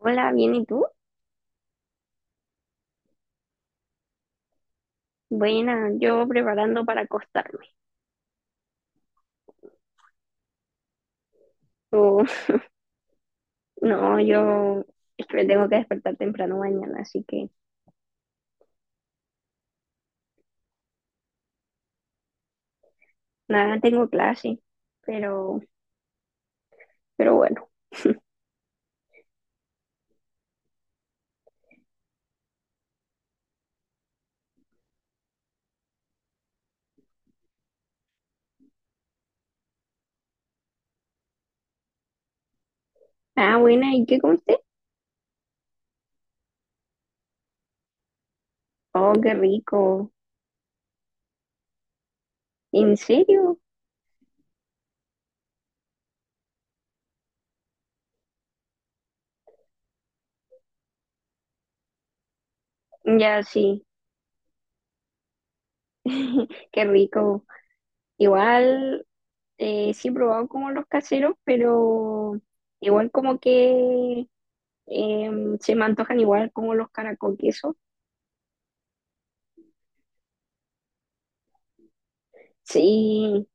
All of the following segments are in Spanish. Hola, bien, ¿y tú? Buena, yo preparando para acostarme. Oh, no, yo es que me tengo que despertar temprano mañana, así que nada, tengo clase, pero, pero bueno. Ah, buena, ¿y qué comiste? Oh, qué rico. ¿En serio? Ya, sí, qué rico. Igual, sí he probado como los caseros, pero igual como que se me antojan igual como los caracol queso. Sí,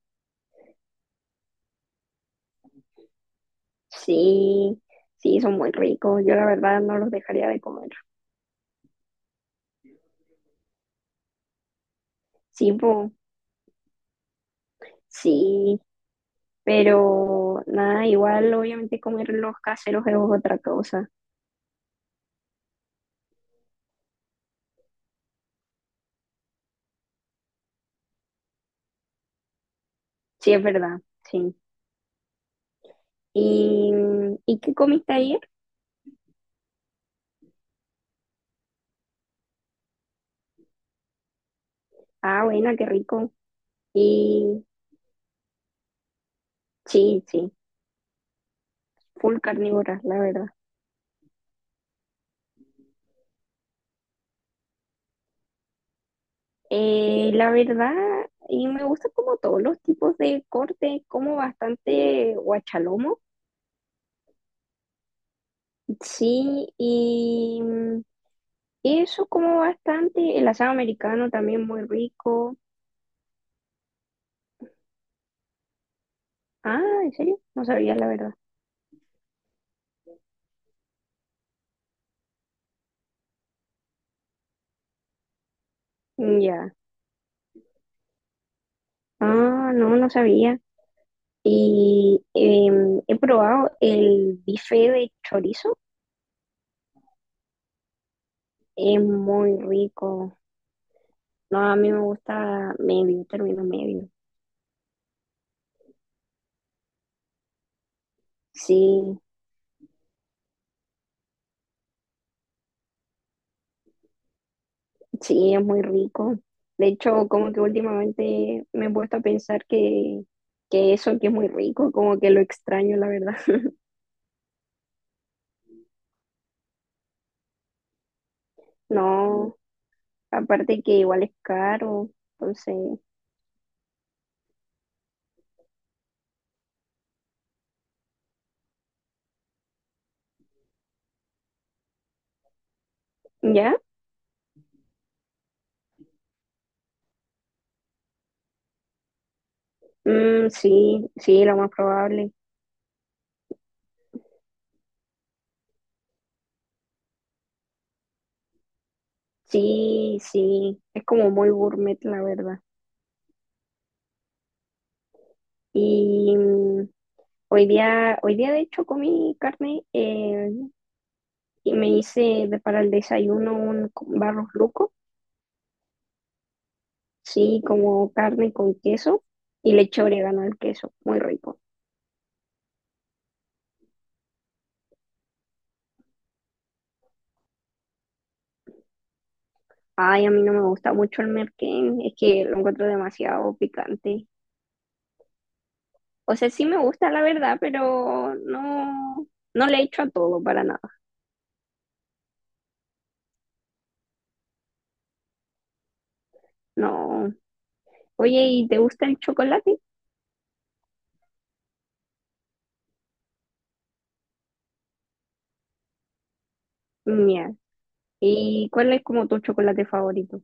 sí, sí, son muy ricos. Yo la verdad no los dejaría de comer. Sí, po, sí, pero nada, igual obviamente comer los caseros es otra cosa. Sí, es verdad, sí. ¿Y, ¿y qué comiste ayer? Ah, buena, qué rico. Y sí, sí, full carnívora, la verdad. La verdad, y me gusta como todos los tipos de corte, como bastante guachalomo. Sí, y eso como bastante, el asado americano también muy rico. Ah, ¿en serio? No sabía la verdad. Mm, ya. Ah, no, no sabía. Y he probado el bife de chorizo. Es muy rico. No, a mí me gusta medio, término medio. Sí, sí, es muy rico. De hecho, como que últimamente me he puesto a pensar que eso que es muy rico, como que lo extraño, la verdad. No. Aparte que igual es caro, entonces, ¿ya? Mm, sí, sí, lo más probable. Sí, sí, es como muy gourmet, la verdad. Y hoy día de hecho comí carne y me hice para el desayuno un barros luco, sí, como carne con queso y le eché orégano al queso, muy rico. Ay, a mí no me gusta mucho el merquén, es que lo encuentro demasiado picante. O sea, sí me gusta la verdad, pero no, no le echo a todo para nada. No. Oye, ¿y te gusta el chocolate? Mira. ¿Y cuál es como tu chocolate favorito?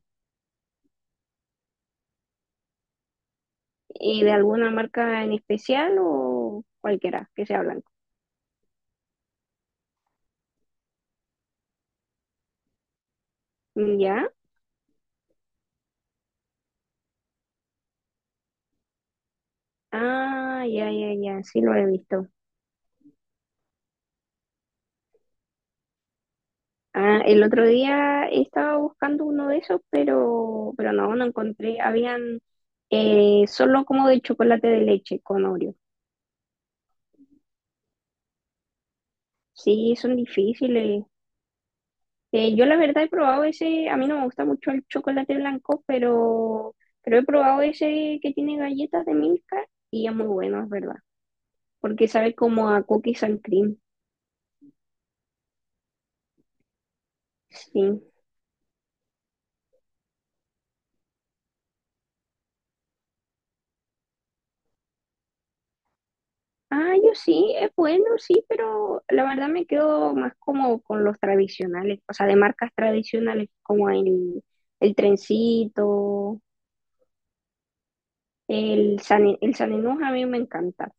¿Y de alguna marca en especial o cualquiera que sea blanco? ¿Ya? Ah, ya, ya, ya, sí lo he visto. Ah, el otro día estaba buscando uno de esos, pero no, no encontré. Habían solo como de chocolate de leche con Oreo. Sí, son difíciles. Yo la verdad he probado ese, a mí no me gusta mucho el chocolate blanco, pero he probado ese que tiene galletas de Milka y es muy bueno, es verdad, porque sabe como a cookies and cream, sí. Ah, yo sí, es bueno, sí, pero la verdad me quedo más como con los tradicionales, o sea, de marcas tradicionales como el Trencito, el San Enús, a mí me encanta.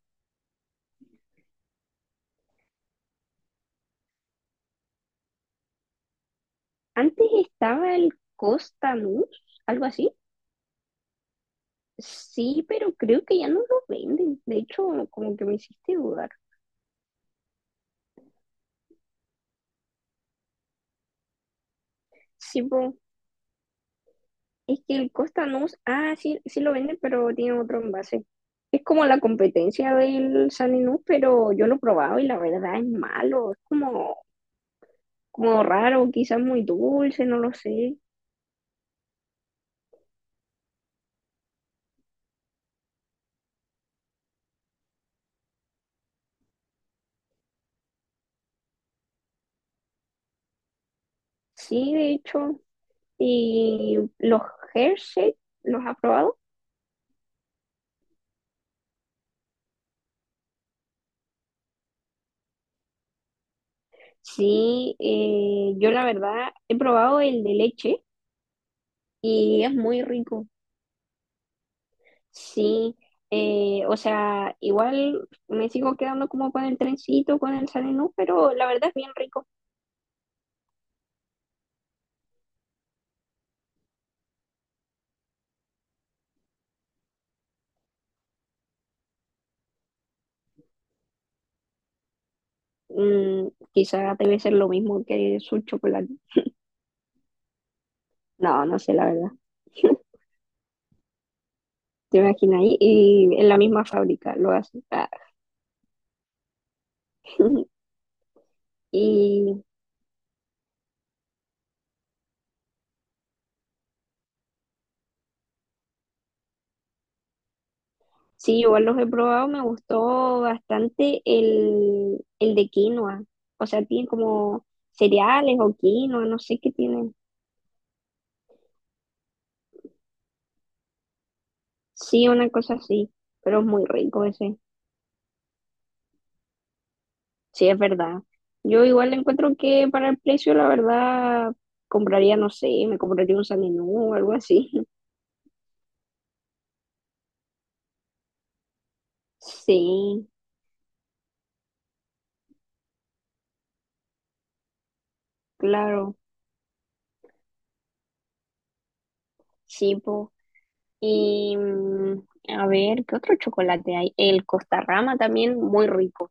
Antes estaba el Costanús, algo así. Sí, pero creo que ya no lo venden. De hecho, como que me hiciste dudar. Sí, po, es que el Costa no, ah, sí, sí lo venden, pero tiene otro envase. Es como la competencia del Saninú, pero yo lo he probado y la verdad es malo. Es como, como raro, quizás muy dulce, no lo sé. Sí, de hecho. Y los Hershey, ¿los ha probado? Sí, yo la verdad he probado el de leche y es muy rico. Sí, o sea, igual me sigo quedando como con el trencito, con el Sanenú, pero la verdad es bien rico. Mm, quizá debe ser lo mismo que su chocolate. No, no sé, la verdad. Te imaginas ahí, y en la misma fábrica lo hacen. Ah. Y sí, igual los he probado, me gustó bastante el de quinoa. O sea, tiene como cereales o quinoa, no sé qué tienen. Sí, una cosa así, pero es muy rico ese. Sí, es verdad. Yo igual encuentro que para el precio, la verdad, compraría, no sé, me compraría un Sanenú o algo así. Sí, claro, sí, po. Y a ver, ¿qué otro chocolate hay? El Costarrama también, muy rico.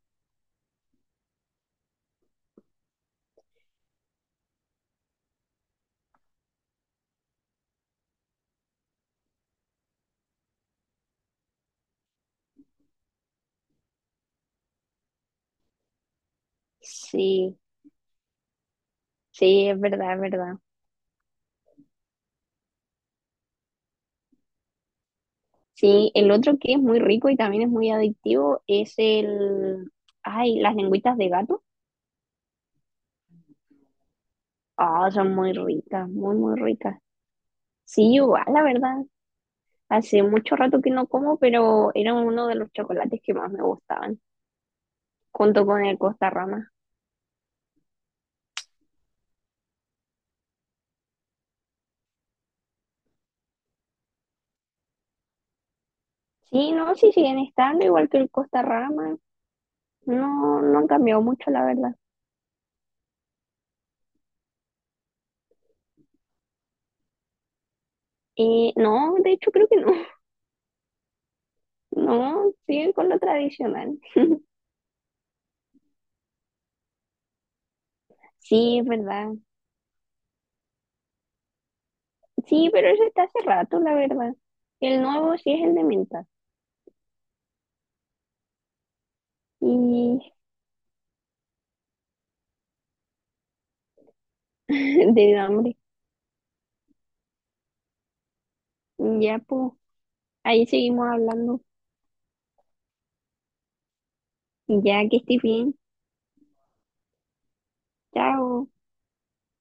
Sí, sí, es verdad, es verdad. Sí, el otro que es muy rico y también es muy adictivo es el... Ay, las lengüitas de gato. Ah, son muy ricas, muy, muy ricas. Sí, igual, la verdad. Hace mucho rato que no como, pero era uno de los chocolates que más me gustaban, junto con el Costarrama. Sí, no, sí siguen estando igual que el Costarrama. No, no han cambiado mucho, la verdad. No, de hecho creo que no. No, siguen con lo tradicional. Sí, es verdad. Sí, pero eso está hace rato, la verdad. El nuevo sí es el de menta. Y de hambre. Ya, pues, ahí seguimos hablando. Ya que estés bien. Chao.